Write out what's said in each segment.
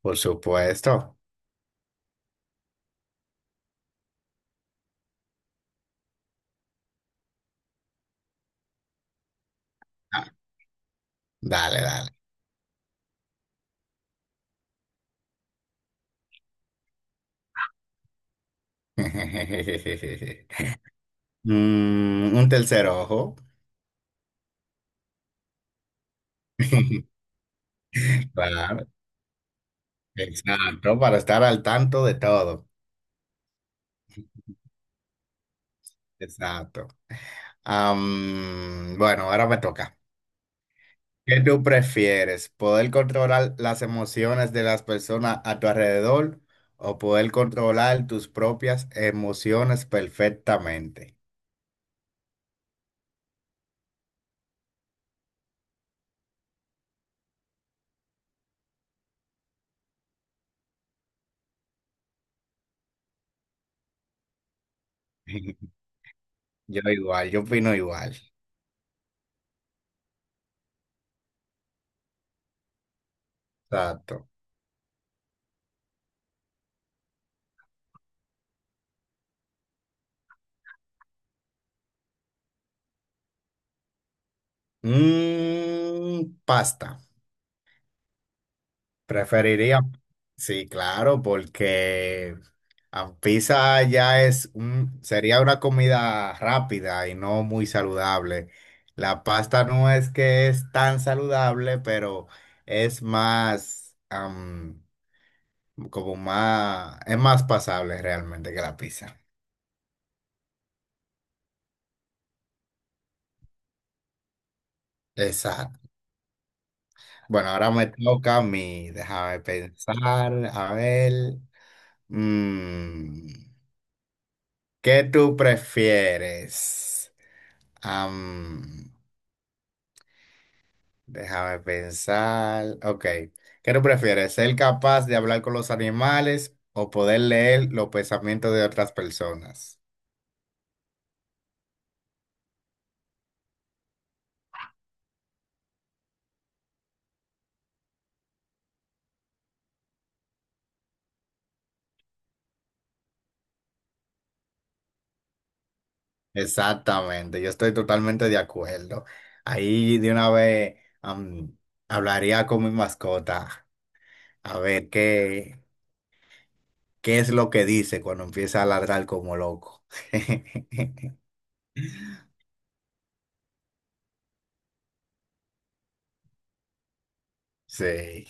Por supuesto. Ah, dale, dale. Un tercer ojo. Claro, exacto, para estar al tanto de todo. Exacto. Bueno, ahora me toca. ¿Qué tú prefieres? ¿Poder controlar las emociones de las personas a tu alrededor o poder controlar tus propias emociones perfectamente? Yo igual, yo opino igual. Exacto. Pasta. Preferiría, sí, claro, porque la pizza ya es un, sería una comida rápida y no muy saludable. La pasta no es que es tan saludable, pero es más, como más, es más pasable realmente que la pizza. Exacto. Bueno, ahora me toca a mí, déjame pensar, a ver, mm, ¿qué tú prefieres? Am, déjame pensar. Ok. ¿Qué tú prefieres? ¿Ser capaz de hablar con los animales o poder leer los pensamientos de otras personas? Exactamente. Yo estoy totalmente de acuerdo. Ahí de una vez am, hablaría con mi mascota a ver qué, qué es lo que dice cuando empieza a ladrar como loco. Sí.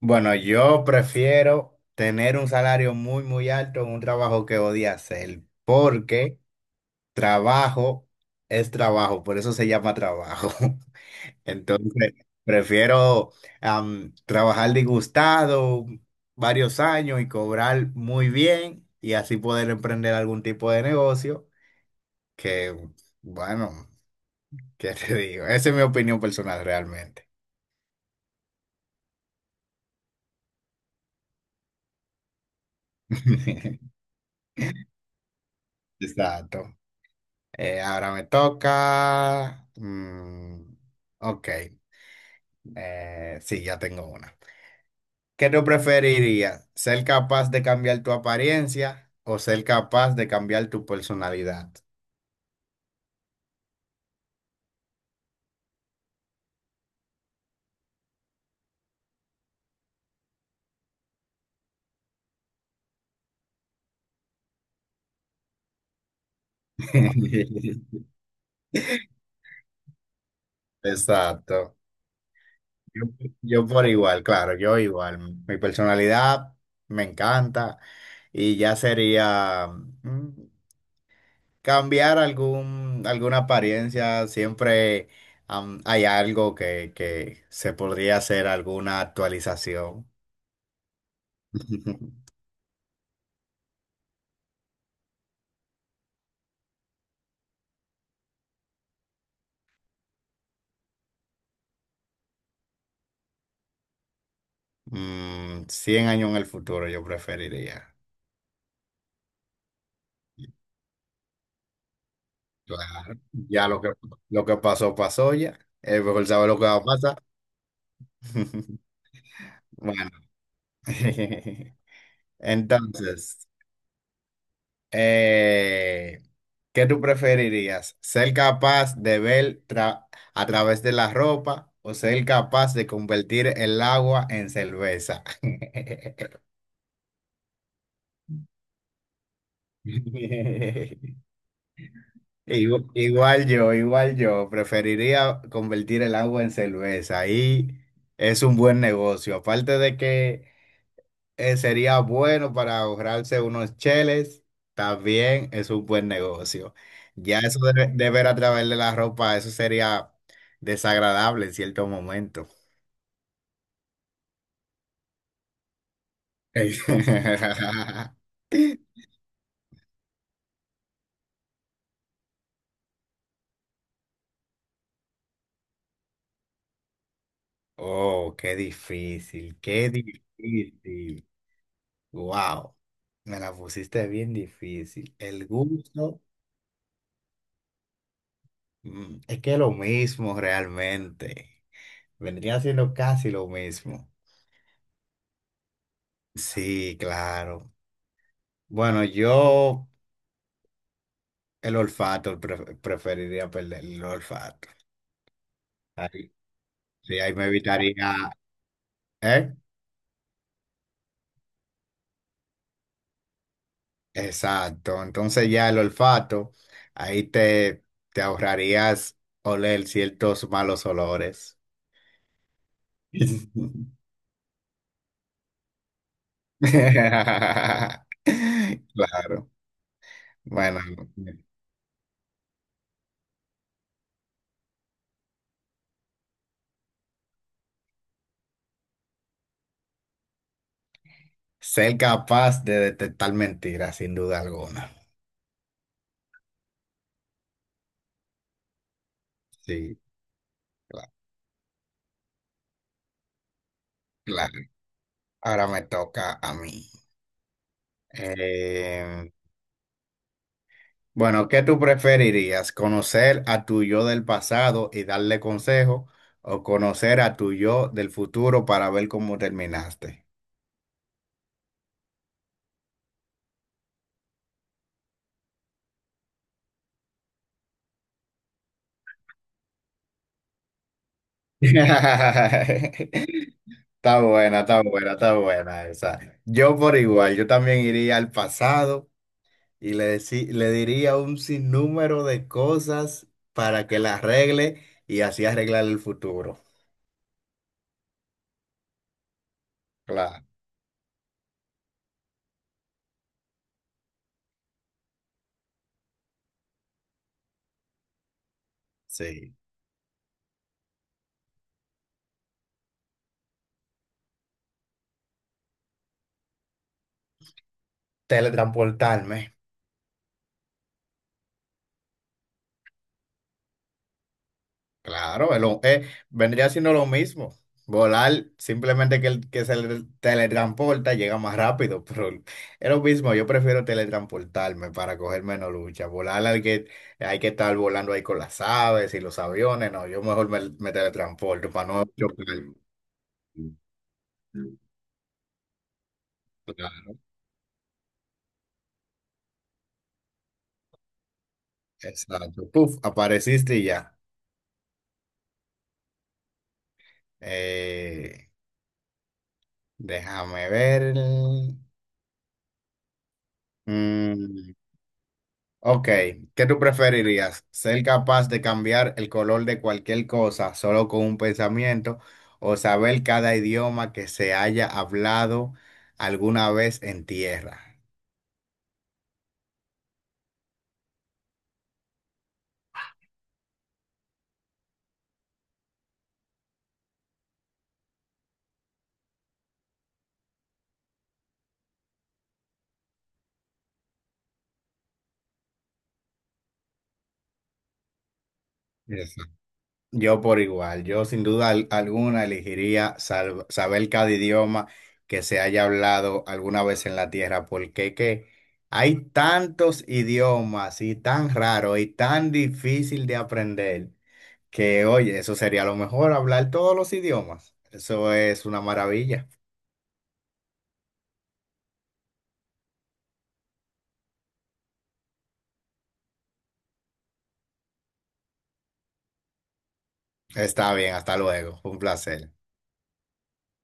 Bueno, yo prefiero tener un salario muy, muy alto en un trabajo que odia hacer, porque trabajo es trabajo, por eso se llama trabajo. Entonces, prefiero trabajar disgustado varios años y cobrar muy bien y así poder emprender algún tipo de negocio que, bueno, ¿qué te digo? Esa es mi opinión personal realmente. Exacto. Ahora me toca. Ok, sí, ya tengo una. ¿Qué tú preferirías? ¿Ser capaz de cambiar tu apariencia o ser capaz de cambiar tu personalidad? Exacto. Yo, yo por igual, claro, yo igual. Mi personalidad me encanta y ya sería... mm, cambiar alguna apariencia, siempre hay algo que se podría hacer, alguna actualización. 100 años en el futuro yo preferiría. Claro. Ya lo que pasó, pasó ya. Es mejor saber lo que va a pasar. Bueno, entonces, Eh, ¿qué tú preferirías? ¿Ser capaz de ver a través de la ropa o ser capaz de convertir el agua en cerveza? Igual yo, preferiría convertir el agua en cerveza. Ahí es un buen negocio. Aparte de que sería bueno para ahorrarse unos cheles. También es un buen negocio. Ya eso de ver a través de la ropa, eso sería desagradable en cierto momento. Oh, qué difícil, qué difícil. Wow, me la pusiste bien difícil. El gusto, es que es lo mismo realmente. Vendría siendo casi lo mismo. Sí, claro. Bueno, yo el olfato preferiría perder el olfato. Ahí, sí, ahí me evitaría, ¿eh? Exacto. Entonces ya el olfato, ahí te, te ahorrarías oler ciertos malos olores. Claro. Bueno, ser capaz de detectar mentiras, sin duda alguna. Sí, cla- claro. Ahora me toca a mí. Em, Bueno, ¿qué tú preferirías? ¿Conocer a tu yo del pasado y darle consejo o conocer a tu yo del futuro para ver cómo terminaste? Está buena, está buena, está buena esa. Yo por igual, yo también iría al pasado y le diría un sinnúmero de cosas para que la arregle y así arreglar el futuro. Claro, sí. Teletransportarme. Claro, vendría siendo lo mismo. Volar, simplemente que el que se teletransporta llega más rápido, pero es lo mismo. Yo prefiero teletransportarme para coger menos lucha. Volar hay que estar volando ahí con las aves y los aviones. No, yo mejor me teletransporto para no chocar. Claro, exacto. Puf, apareciste y ya. Eh, déjame ver. Mm, Ok, ¿qué tú preferirías? ¿Ser capaz de cambiar el color de cualquier cosa solo con un pensamiento o saber cada idioma que se haya hablado alguna vez en tierra? Eso. Yo por igual, yo sin duda alguna elegiría saber cada idioma que se haya hablado alguna vez en la tierra, porque que hay tantos idiomas y tan raro y tan difícil de aprender. Que oye, eso sería lo mejor, hablar todos los idiomas. Eso es una maravilla. Está bien, hasta luego. Fue un placer.